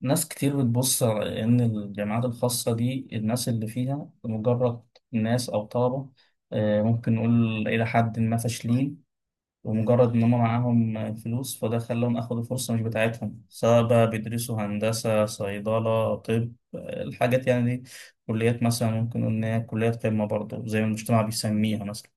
ناس كتير بتبص على إن الجامعات الخاصة دي الناس اللي فيها مجرد ناس أو طلبة. ممكن نقول إلى حد ما فاشلين، ومجرد إن هم معاهم فلوس فده خلاهم أخدوا فرصة مش بتاعتهم، سواء بقى بيدرسوا هندسة، صيدلة، طب، الحاجات يعني دي. كليات مثلا ممكن نقول إن هي كليات قمة برضه زي ما المجتمع بيسميها مثلا.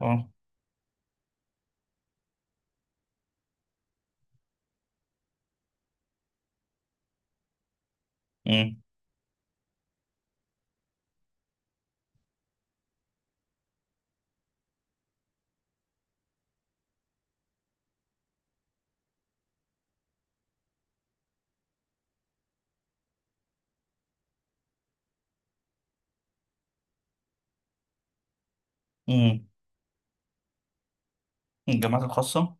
اه. أمم. أمم. الجامعات الخاصة.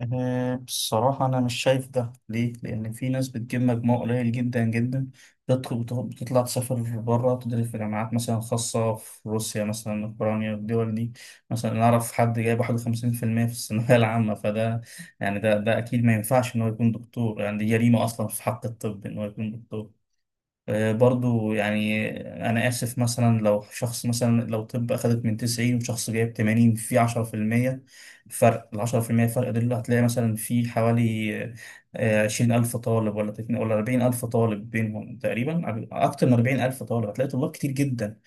أنا بصراحة، أنا مش شايف ده، ليه؟ لأن في ناس بتجيب مجموع قليل جدا جدا بتطلع تسافر بره تدرس في جامعات مثلا خاصة، في روسيا مثلا، أوكرانيا، الدول دي. مثلا أنا أعرف حد جايب 51% في الثانوية العامة، فده يعني ده ده أكيد ما ينفعش إن هو يكون دكتور، يعني دي جريمة أصلا في حق الطب إن هو يكون دكتور. برضو يعني أنا آسف، مثلا لو شخص مثلا لو طب أخدت من 90 وشخص جايب 80، في 10% فرق. ال 10% فرق دول هتلاقي مثلا في حوالي 20,000 طالب، ولا 40,000 طالب بينهم تقريبا. أكتر من 40,000 طالب هتلاقي، طلاب كتير جدا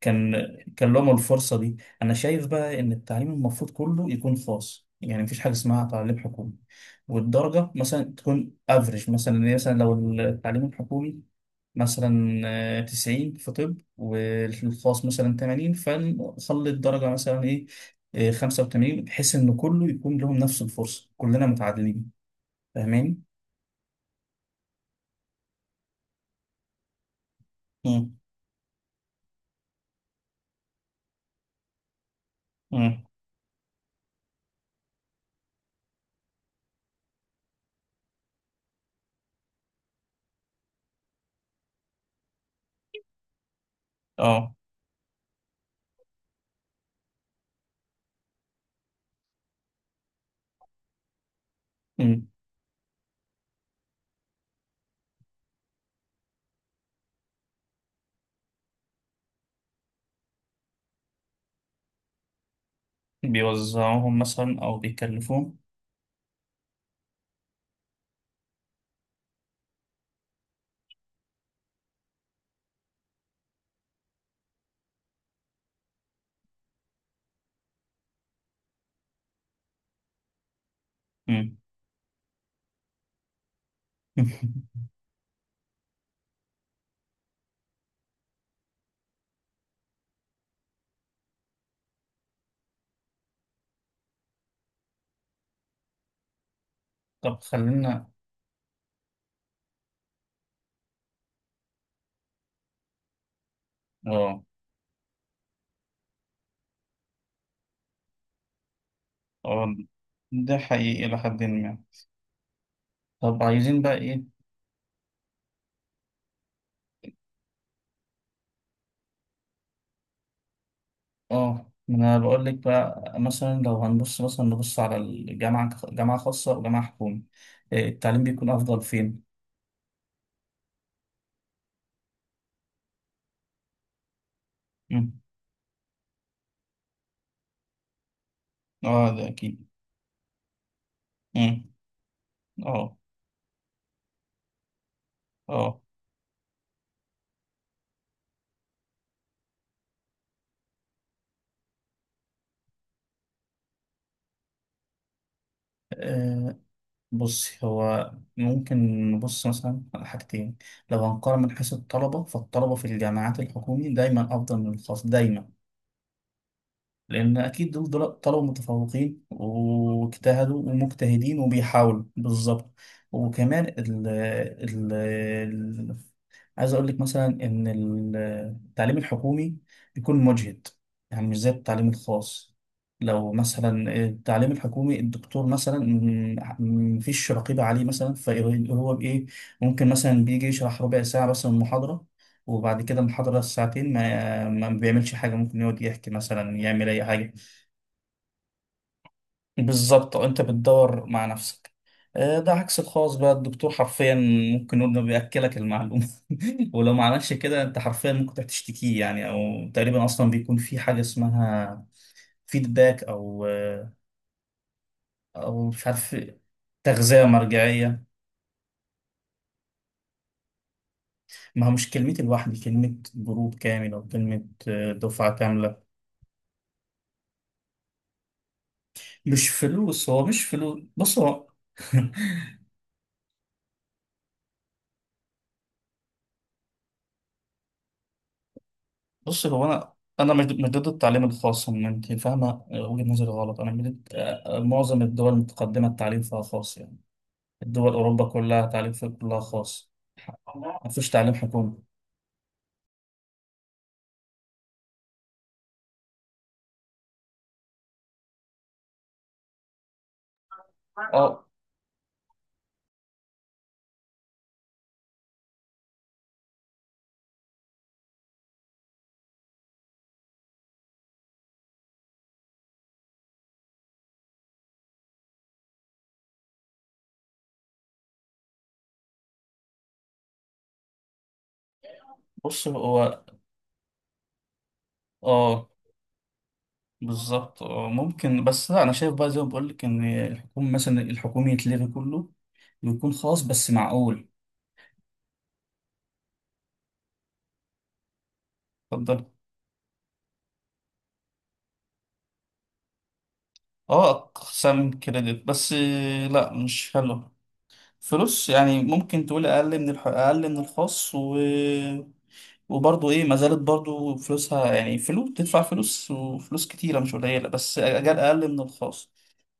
كان، كان لهم الفرصة دي. أنا شايف بقى إن التعليم المفروض كله يكون خاص، يعني مفيش حاجة اسمها تعليم حكومي، والدرجة مثلا تكون افريج. مثلا يعني مثلا لو التعليم الحكومي مثلا 90 في طب، والخاص مثلا 80، فنخلي الدرجة مثلا إيه، 85، بحيث إن كله يكون لهم نفس الفرصة، كلنا متعادلين. فاهمين؟ مم. مم. اه. مم. بيوزعوهم مثلا أو بيكلفوهم. مم. طب خلينا. اه. اه، ده حقيقي إلى حد ما. طب عايزين بقى إيه. اه، انا بقول لك بقى، مثلا لو هنبص مثلا نبص على الجامعه، جامعه خاصه وجامعه حكومي، إيه، التعليم بيكون افضل فين؟ مم. اه، ده اكيد. مم. اه. اه. آه، بصي، هو ممكن نبص مثلا على حاجتين. لو هنقارن من حيث الطلبه، فالطلبه في الجامعات الحكومي دايما افضل من الخاص دايما، لأن أكيد دول دول طلبة متفوقين واجتهدوا ومجتهدين وبيحاولوا بالظبط. وكمان عايز أقول لك مثلا إن التعليم الحكومي بيكون مجهد، يعني مش زي التعليم الخاص. لو مثلا التعليم الحكومي الدكتور مثلا مفيش رقيبة عليه مثلا، فهو بإيه، ممكن مثلا بيجي يشرح ربع ساعة مثلا محاضرة، وبعد كده المحاضرة الساعتين ما بيعملش حاجة، ممكن يقعد يحكي مثلا، يعمل أي حاجة. بالظبط، أنت بتدور مع نفسك. ده عكس الخاص بقى، الدكتور حرفيا ممكن نقول إنه بيأكلك المعلومة، ولو ما عملش كده أنت حرفيا ممكن تروح تشتكيه، يعني أو تقريبا أصلا بيكون في حاجة اسمها فيدباك أو أو مش عارف، تغذية مرجعية. ما هو مش كلمتي لوحدي، كلمة جروب كامل، أو كلمة دفعة كاملة. مش فلوس، هو مش فلوس، بص هو. بص هو انا، انا مش ضد التعليم الخاص إن انت فاهمه وجهه نظري غلط. انا من معظم الدول المتقدمه التعليم فيها خاص يعني. الدول، اوروبا كلها تعليم فيها كلها خاص، ما فيش تعليم حكومي. اه. بص هو. اه. بالظبط، اه ممكن. بس لا انا شايف بقى زي ما بقول لك ان الحكومه مثلا، الحكومي يتلغي كله، ويكون خاص بس. معقول. اتفضل. اه، اقسام كريدت، بس لا مش حلو. فلوس يعني، ممكن تقول اقل من اقل من الخاص و... وبرضه ايه، ما زالت برضه فلوسها، يعني فلوس، تدفع فلوس، وفلوس كتيره مش قليله، بس اجال اقل من الخاص.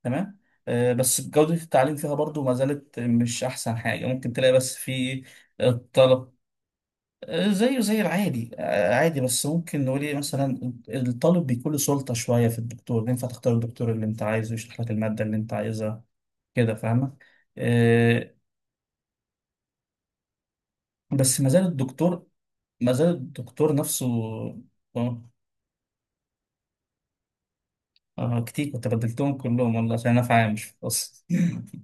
تمام. بس جوده التعليم فيها برضه ما زالت مش احسن حاجه ممكن تلاقي، بس في الطلب. زيه زي العادي، عادي، بس ممكن نقول ايه، مثلا الطالب بيكون له سلطه شويه في الدكتور، ينفع تختار الدكتور اللي انت عايزه يشرح لك الماده اللي انت عايزها. كده فاهمه. آه، بس ما زال الدكتور، ما زال الدكتور نفسه. آه، كتير، كنت بدلتهم كلهم والله عشان انا في عامش بس.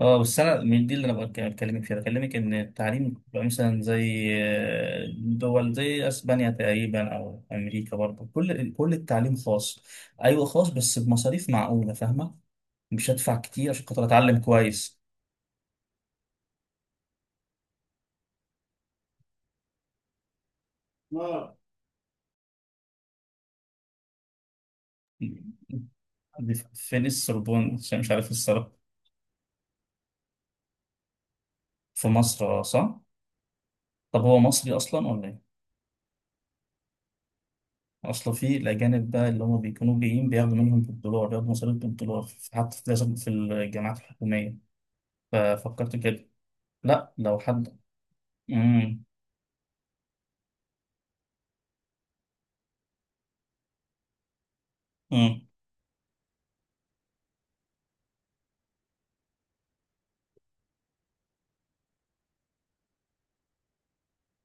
اه بس انا من دي اللي انا بكلمك فيها، بكلمك ان التعليم بيبقى مثلا زي دول زي اسبانيا تقريبا او امريكا برضه، كل التعليم خاص. ايوه خاص، بس بمصاريف معقوله، فاهمه، مش هدفع كتير عشان خاطر اتعلم كويس. اه. دي فين السربون؟ عشان مش عارف الصراحه. في مصر، صح. طب هو مصري اصلا ولا ايه؟ اصلا في الاجانب بقى اللي هم بيكونوا جايين بياخدوا منهم بالدولار، بياخدوا مصاريف بالدولار في- حتى في، لازم، في الجامعات الحكوميه، ففكرت كده. لا لو حد. امم. امم.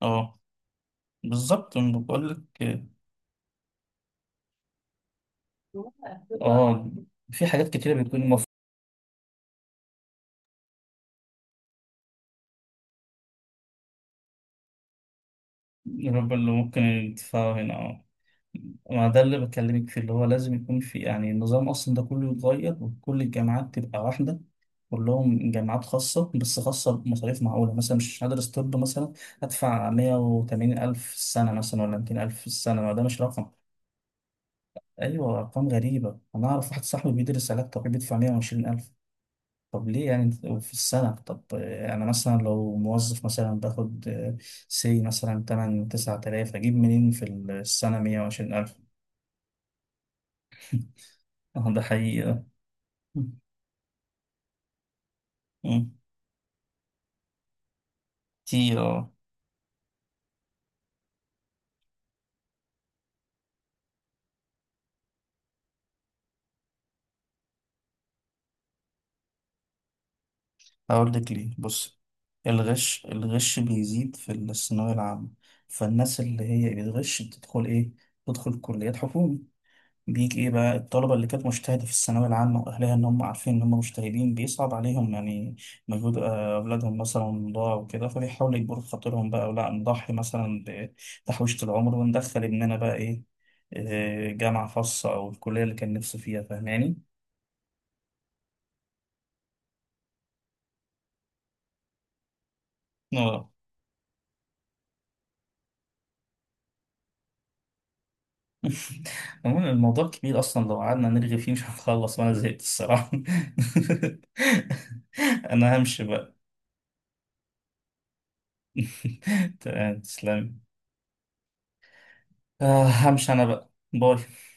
اه، بالظبط، انا بقول لك. اه، في حاجات كتيره بتكون المفروض. الرب اللي ممكن يدفعوا هنا، اه. ما ده اللي بكلمك فيه، اللي هو لازم يكون في يعني، النظام أصلا ده كله يتغير، وكل الجامعات تبقى واحدة. كلهم جامعات خاصة، بس خاصة بمصاريف معقولة. مثلا مش هدرس طب مثلا هدفع 180,000 في السنة، مثلا ولا 200,000 في السنة، ما ده مش رقم. أيوة، أرقام غريبة. أنا أعرف واحد صاحبي بيدرس علاج طبيعي بيدفع 120,000. طب ليه يعني؟ في السنة. طب أنا مثلا لو موظف مثلا باخد سي مثلا تمن، 9,000، أجيب منين في السنة 120,000؟ اه، ده حقيقي. مم. تي. اه. هقول لك ليه، بص. الغش، الغش بيزيد في الثانوية العامة، فالناس اللي هي بتغش بتدخل ايه، بتدخل كليات حكومي. بيجي ايه بقى الطلبة اللي كانت مجتهدة في الثانوية العامة واهلها، ان هم عارفين ان هم مجتهدين، بيصعب عليهم يعني مجهود اولادهم مثلا ضاع، وكده فبيحاولوا يجبروا خاطرهم بقى، ولا نضحي مثلا بتحويشة العمر وندخل ابننا بقى ايه، جامعة خاصة او الكلية اللي كان نفسه فيها. فاهماني؟ اه. عموما الموضوع كبير اصلا، لو قعدنا نرغي فيه مش هنخلص، وانا زهقت الصراحه. انا همشي بقى. تمام، تسلمي. همشي انا بقى. باي.